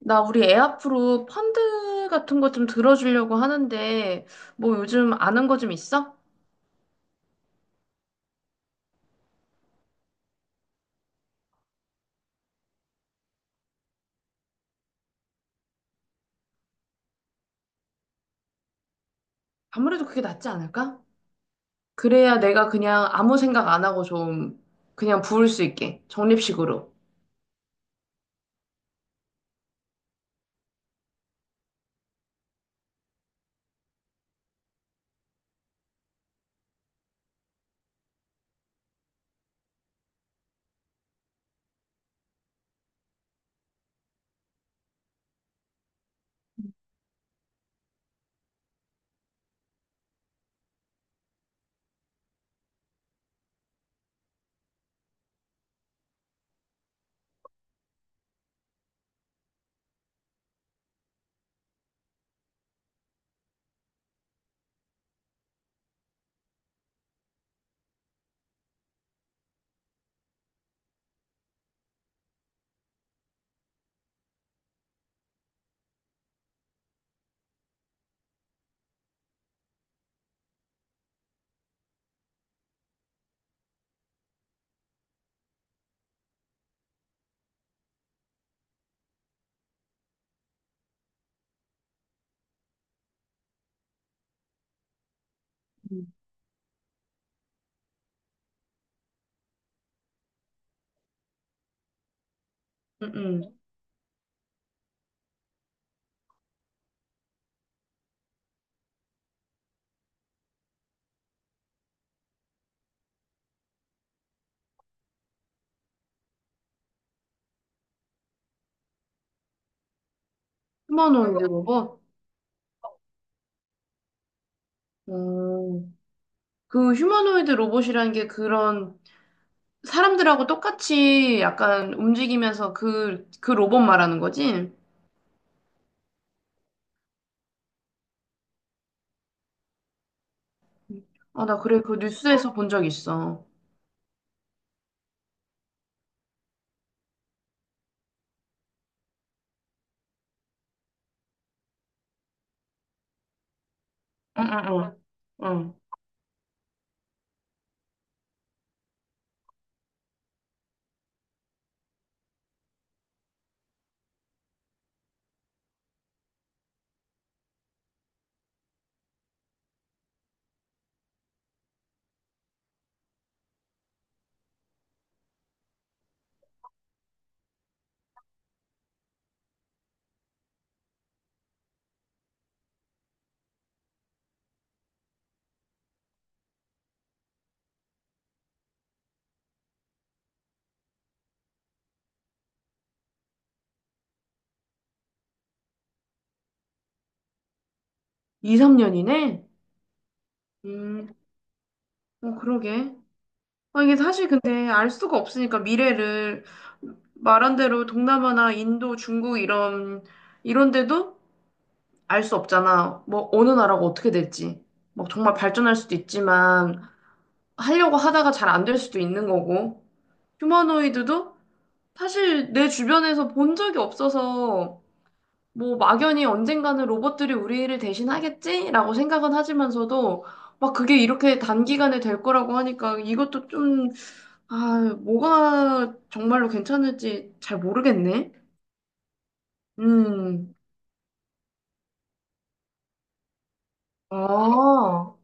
나 우리 애 앞으로 펀드 같은 거 좀 들어주려고 하는데, 뭐 요즘 아는 거 좀 있어? 아무래도 그게 낫지 않을까? 그래야 내가 그냥 아무 생각 안 하고 좀 그냥 부을 수 있게, 적립식으로. 음. 응, 응. 휴머노이드 로봇? 어, 그 휴머노이드 로봇이라는 게 그런 사람들하고 똑같이 약간 움직이면서 그 로봇 말하는 거지? 아, 나 그 뉴스에서 본 적 있어. 응, 응, 응. 응. 2, 3년이네? 음, 어, 그러게. 아, 이게 사실 근데 알 수가 없으니까 미래를 말한 대로 동남아나 인도, 중국 이런 데도 알 수 없잖아. 뭐 어느 나라가 어떻게 될지. 막 정말 발전할 수도 있지만 하려고 하다가 잘 안 될 수도 있는 거고. 휴머노이드도 사실 내 주변에서 본 적이 없어서 뭐 막연히 언젠가는 로봇들이 우리를 대신하겠지라고 생각은 하지만서도 막 그게 이렇게 단기간에 될 거라고 하니까 이것도 좀 아, 뭐가 정말로 괜찮을지 잘 모르겠네. 음, 아, 어,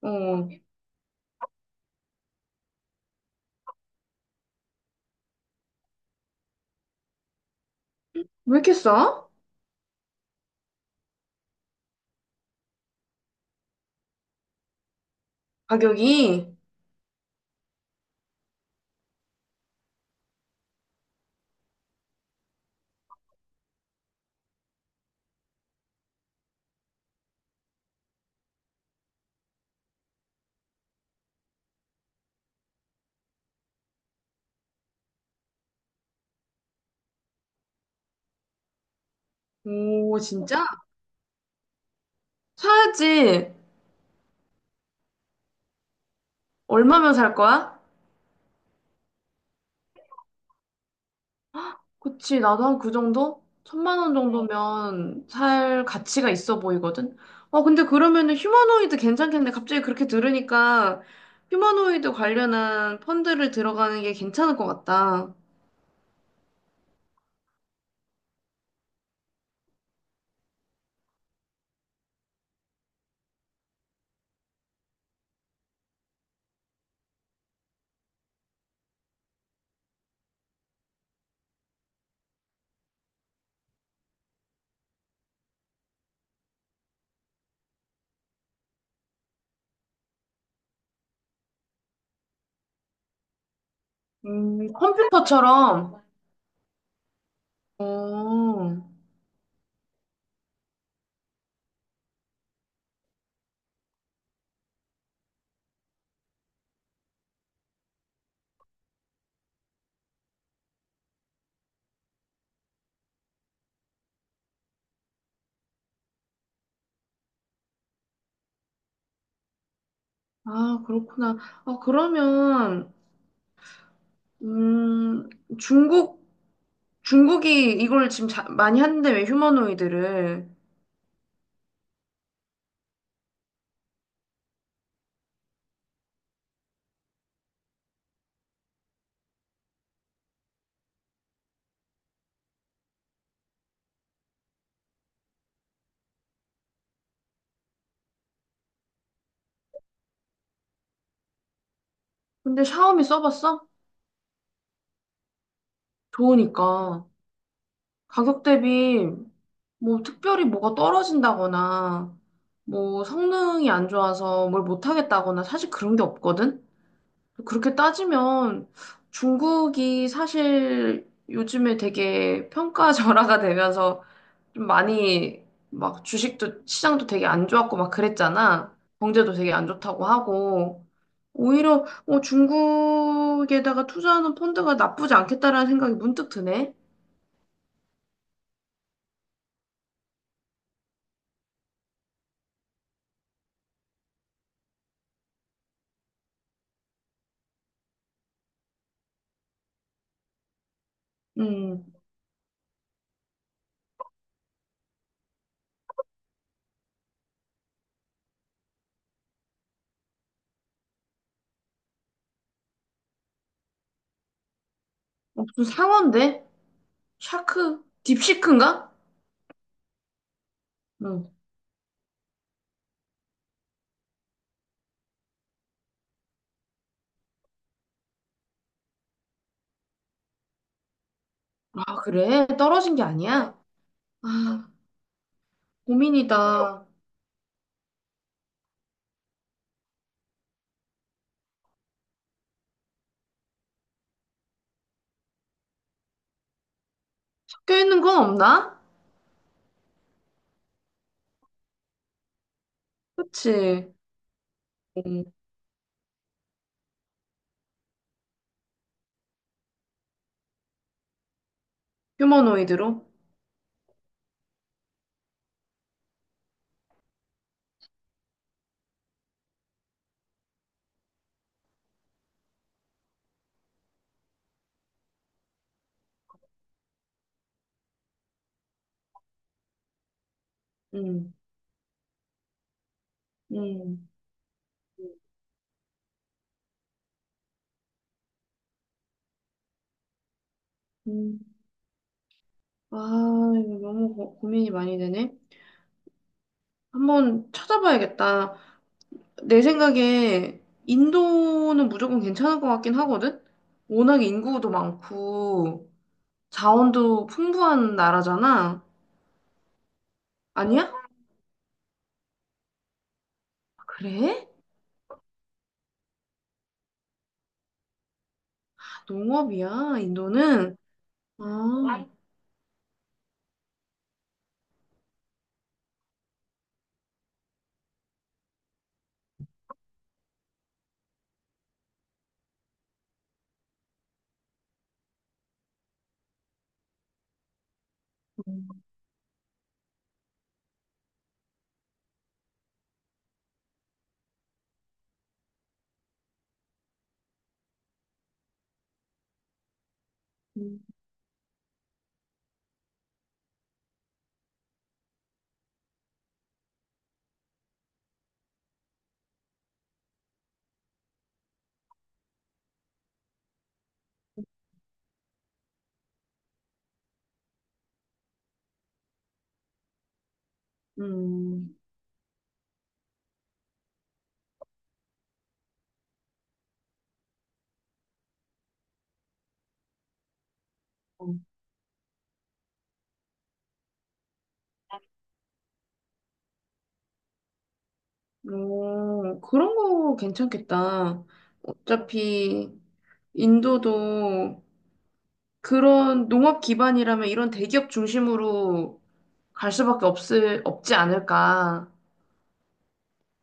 왜 이렇게 싸? 가격이? 오, 진짜? 사야지. 얼마면 살 거야? 그치, 나도 한 그 정도? 천만 원 응. 정도면 살 가치가 있어 보이거든? 어, 근데 그러면은 휴머노이드 괜찮겠네. 갑자기 그렇게 들으니까 휴머노이드 관련한 펀드를 들어가는 게 괜찮을 것 같다. 컴퓨터처럼. 어. 아, 그렇구나. 아, 그러면, 음, 중국, 중국이 이걸 지금 많이 하는데 왜 휴머노이드를. 근데 샤오미 써봤어? 좋으니까. 가격 대비 뭐 특별히 뭐가 떨어진다거나, 뭐 성능이 안 좋아서 뭘 못하겠다거나 사실 그런 게 없거든? 그렇게 따지면 중국이 사실 요즘에 되게 평가절하가 되면서 좀 많이 막 주식도 시장도 되게 안 좋았고 막 그랬잖아. 경제도 되게 안 좋다고 하고 오히려 어, 중국에다가 투자하는 펀드가 나쁘지 않겠다라는 생각이 문득 드네. 음, 어, 무슨 상어인데? 샤크? 딥시크인가? 응. 아, 그래? 떨어진 게 아니야? 아, 고민이다. 섞여 있는 건 없나? 그치. 음, 휴머노이드로? 음, 음, 음. 아, 이거 너무 고민이 많이 되네. 한번 찾아봐야겠다. 내 생각에 인도는 무조건 괜찮을 것 같긴 하거든? 워낙 인구도 많고, 자원도 풍부한 나라잖아. 아니야? 그래? 아, 농업이야, 인도는. 아, 음, 음. 어, 그런 거 괜찮겠다. 어차피 인도도 그런 농업 기반이라면 이런 대기업 중심으로 갈 수밖에 없지 않을까.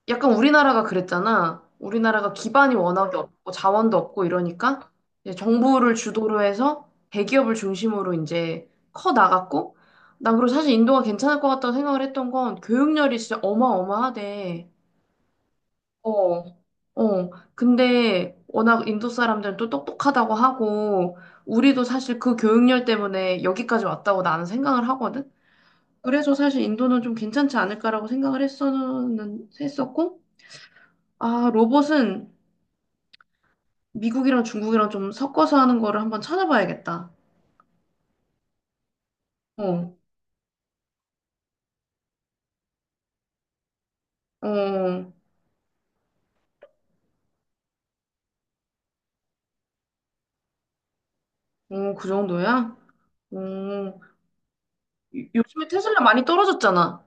약간 우리나라가 그랬잖아. 우리나라가 기반이 워낙에 없고 자원도 없고 이러니까 이제 정부를 주도로 해서 대기업을 중심으로 이제 커 나갔고, 난 그리고 사실 인도가 괜찮을 것 같다고 생각을 했던 건 교육열이 진짜 어마어마하대. 어, 어. 근데 워낙 인도 사람들은 또 똑똑하다고 하고, 우리도 사실 그 교육열 때문에 여기까지 왔다고 나는 생각을 하거든? 그래서 사실 인도는 좀 괜찮지 않을까라고 했었고, 아, 로봇은 미국이랑 중국이랑 좀 섞어서 하는 거를 한번 찾아봐야겠다. 어, 어, 어, 그 정도야? 어, 요즘에 테슬라 많이 떨어졌잖아.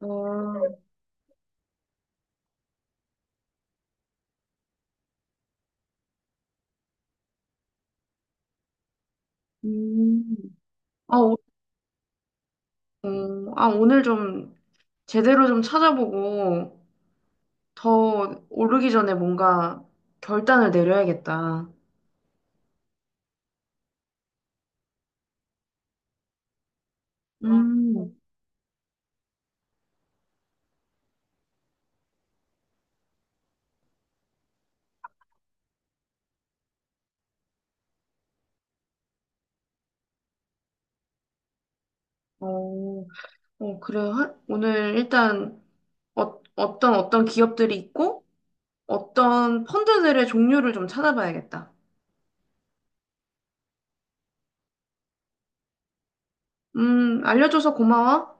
어, 음. 아, 오, 어, 아, 오늘 좀 제대로 좀 찾아보고 더 오르기 전에 뭔가 결단을 내려야겠다. 아, 음, 어, 어, 그래. 오늘 일단 어, 어떤 기업들이 있고 어떤 펀드들의 종류를 좀 찾아봐야겠다. 알려줘서 고마워.